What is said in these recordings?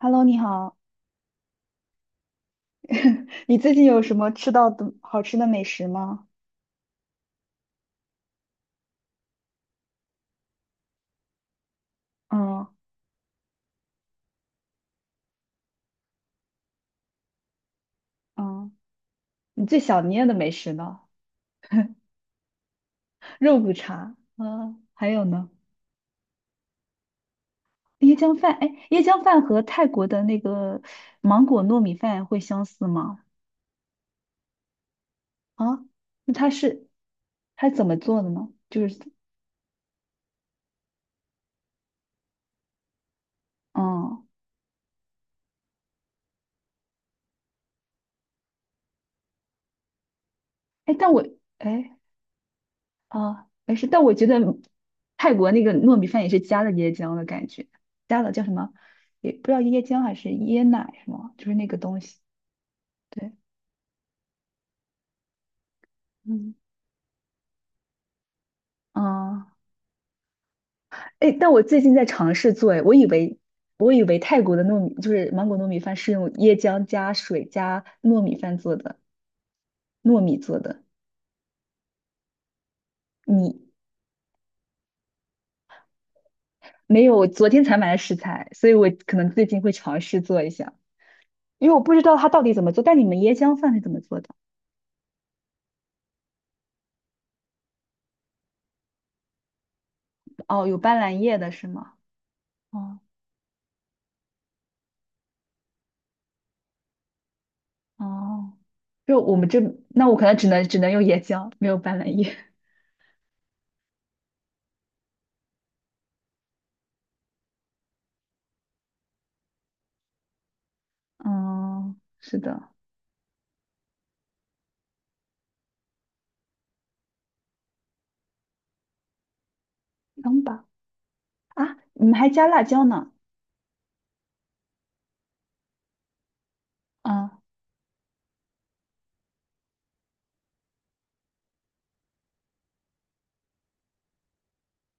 Hello，你好，你最近有什么吃到的好吃的美食吗？嗯嗯，你最想念的美食呢？肉骨茶，嗯，还有呢，椰浆饭。哎，椰浆饭和泰国的那个芒果糯米饭会相似吗？啊，那它是怎么做的呢？就是，嗯，哎，但我哎啊，没事，但我觉得泰国那个糯米饭也是加了椰浆的感觉，加了叫什么？也不知道椰浆还是椰奶是吗？就是那个东西。对，嗯，啊，哎，但我最近在尝试做，哎，我以为泰国的糯米就是芒果糯米饭是用椰浆加水加糯米饭做的，糯米做的。你没有，我昨天才买的食材，所以我可能最近会尝试做一下，因为我不知道它到底怎么做。但你们椰浆饭是怎么做的？哦，有斑斓叶的是吗？哦哦，就我们这，那我可能只能用椰浆，没有斑斓叶。嗯，是的，行吧。啊，你们还加辣椒呢？啊。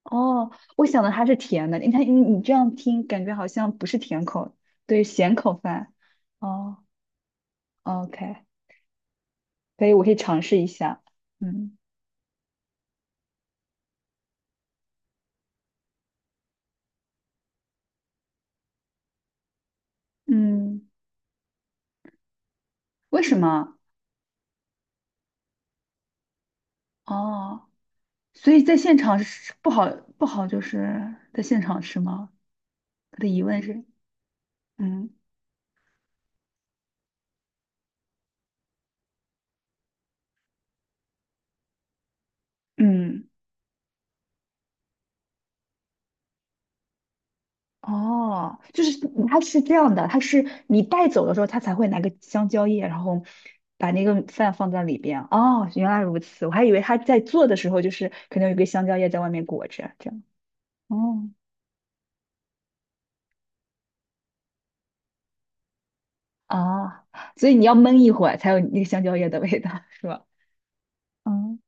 哦，我想的它是甜的，你看你这样听，感觉好像不是甜口，对，咸口饭。哦，OK，可以，我可以尝试一下。嗯嗯，为什么？哦，所以在现场是不好不好，就是在现场吃吗？我的疑问是，嗯嗯。哦，就是它是这样的，它是你带走的时候，它才会拿个香蕉叶，然后把那个饭放在里边。哦，原来如此，我还以为他在做的时候就是可能有一个香蕉叶在外面裹着，这样。哦，啊，所以你要焖一会儿才有那个香蕉叶的味道，是吧？嗯，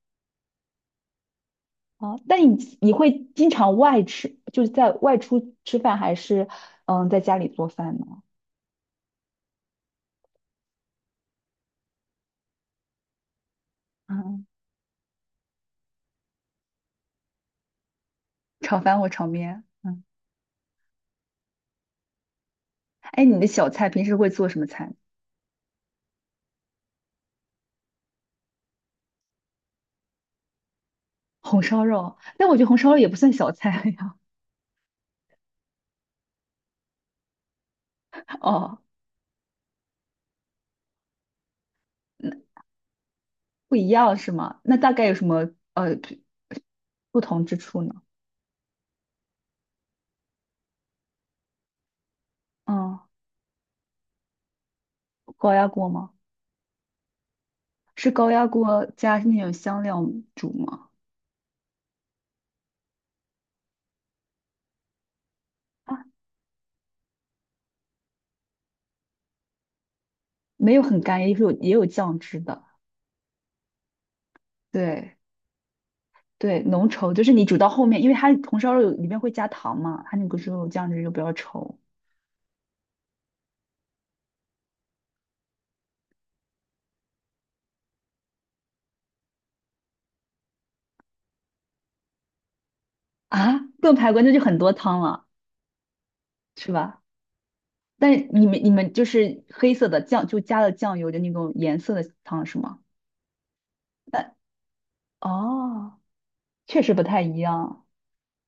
好，但你会经常外吃，就是在外出吃饭，还是嗯在家里做饭呢？嗯，炒饭或炒面。嗯，哎，你的小菜平时会做什么菜呢？红烧肉，但我觉得红烧肉也不算小菜呀。哦，那不一样是吗？那大概有什么不同之处呢？嗯，高压锅吗？是高压锅加那种香料煮吗？啊，没有很干，也有也有酱汁的。对对，浓稠就是你煮到后面，因为它红烧肉里面会加糖嘛，它那个猪肉酱汁就比较稠啊。炖排骨那就很多汤了，是吧？但你们就是黑色的酱，就加了酱油的那种颜色的汤是吗？那哦，确实不太一样，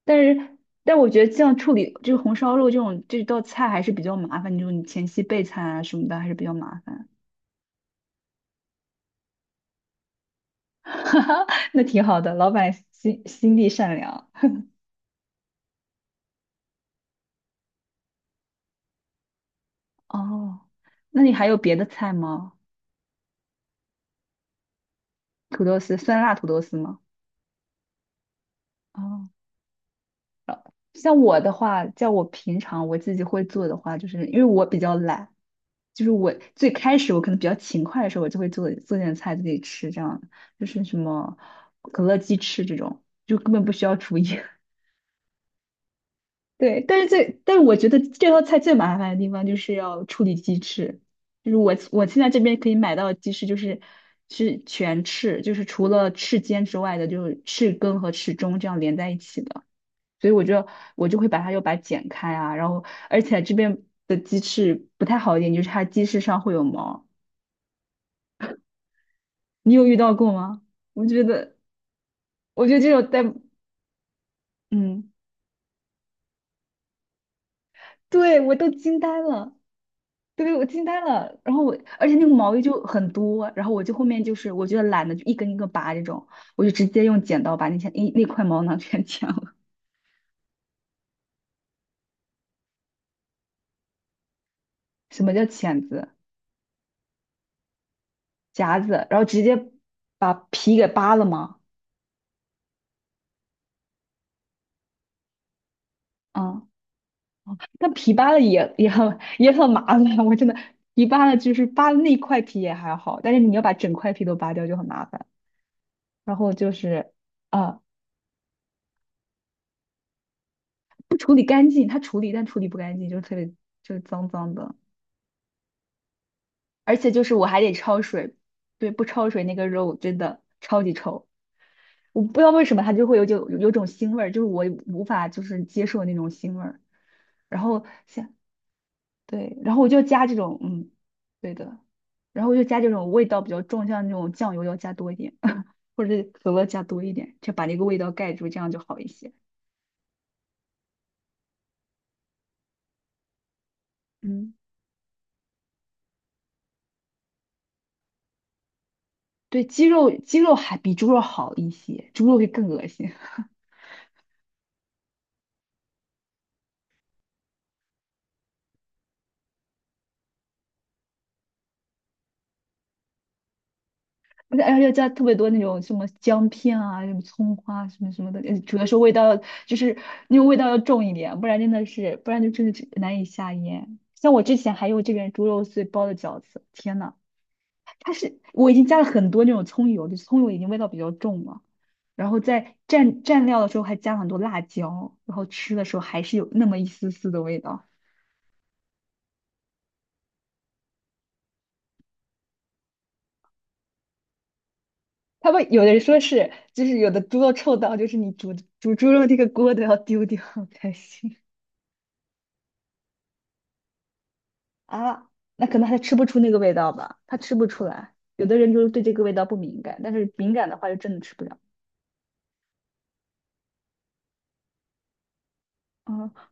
但是但我觉得这样处理这个红烧肉这种这道菜还是比较麻烦，就是你前期备菜啊什么的还是比较麻烦。哈哈那挺好的，老板心地善良。哦，那你还有别的菜吗？土豆丝，酸辣土豆丝吗？哦，像我的话，在我平常我自己会做的话，就是因为我比较懒，就是我最开始我可能比较勤快的时候，我就会做做点菜自己吃，这样就是什么可乐鸡翅这种，就根本不需要厨艺。对，但是最，但是我觉得这道菜最麻烦的地方就是要处理鸡翅，就是我现在这边可以买到的鸡翅就是是全翅，就是除了翅尖之外的，就是翅根和翅中这样连在一起的。所以我就我就会把它又把它剪开啊，然后而且这边的鸡翅不太好一点，就是它鸡翅上会有毛，你有遇到过吗？我觉得我觉得这种带，嗯，对我都惊呆了，对我惊呆了，然后我而且那个毛衣就很多，然后我就后面就是我觉得懒得就一根一根拔这种，我就直接用剪刀把那些那块毛囊 全剪了。什么叫钳子、夹子，然后直接把皮给扒了吗？嗯。但皮扒了也很麻烦，我真的皮扒了就是扒了那块皮也还好，但是你要把整块皮都扒掉就很麻烦。然后就是啊、不处理干净，它处理但处理不干净，就特别就是脏脏的，而且就是我还得焯水，对，不焯水那个肉真的超级臭，我不知道为什么它就会有有种腥味儿，就是我无法就是接受那种腥味儿。然后像对，然后我就加这种，嗯，对的，然后我就加这种味道比较重，像那种酱油要加多一点，或者是可乐加多一点，就把那个味道盖住，这样就好一些。嗯，对，鸡肉鸡肉还比猪肉好一些，猪肉会更恶心，而且要加特别多那种什么姜片啊、什么葱花、什么什么的，主要是味道就是那种味道要重一点，不然真的是不然就真的是难以下咽。像我之前还有这边猪肉碎包的饺子，天呐！它是我已经加了很多那种葱油，就是葱油已经味道比较重了，然后在蘸料的时候还加了很多辣椒，然后吃的时候还是有那么一丝丝的味道。他们有的人说是，就是有的猪肉臭到，就是你煮煮猪肉那个锅都要丢掉才行啊。那可能他吃不出那个味道吧，他吃不出来。有的人就是对这个味道不敏感，但是敏感的话就真的吃不了。啊。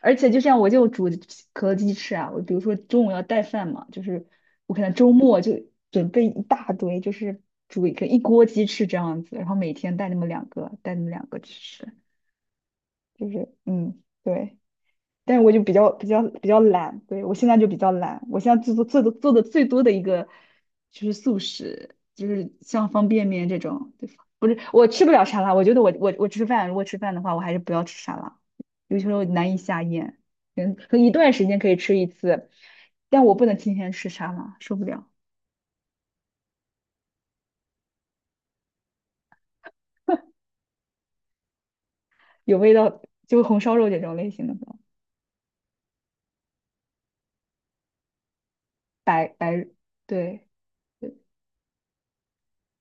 而且就像我就煮可乐鸡翅啊，我比如说中午要带饭嘛，就是我可能周末就准备一大堆，就是煮一个一锅鸡翅这样子，然后每天带那么两个，带那么两个去吃，就是嗯，对。但是我就比较懒，对，我现在就比较懒，我现在做的最多的一个就是素食，就是像方便面这种，对，不是我吃不了沙拉，我觉得我吃饭如果吃饭的话，我还是不要吃沙拉，有些时候难以下咽，嗯，可能一段时间可以吃一次，但我不能天天吃沙拉，受不了，有味道，就红烧肉这种类型的，白白，对。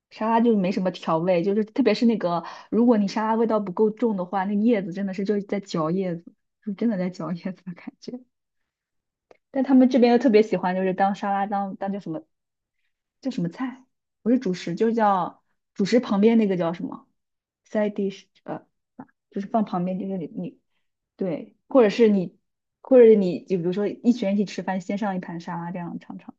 沙拉就没什么调味，就是特别是那个，如果你沙拉味道不够重的话，那叶子真的是就是在嚼叶子，就真的在嚼叶子的感觉。但他们这边又特别喜欢，就是当沙拉当叫什么叫什么菜，不是主食，就叫主食旁边那个叫什么 side dish，就是放旁边，就是你对，或者是你或者你就比如说一群人一起吃饭，先上一盘沙拉这样尝尝。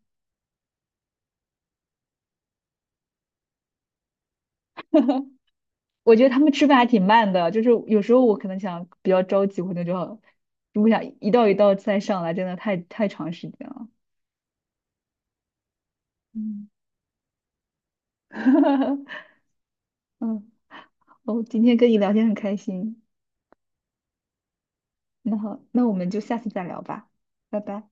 我觉得他们吃饭还挺慢的，就是有时候我可能想比较着急，我那就要如果想一道一道再上来，真的太长时间了。嗯，嗯，哦，今天跟你聊天很开心。那好，那我们就下次再聊吧，拜拜。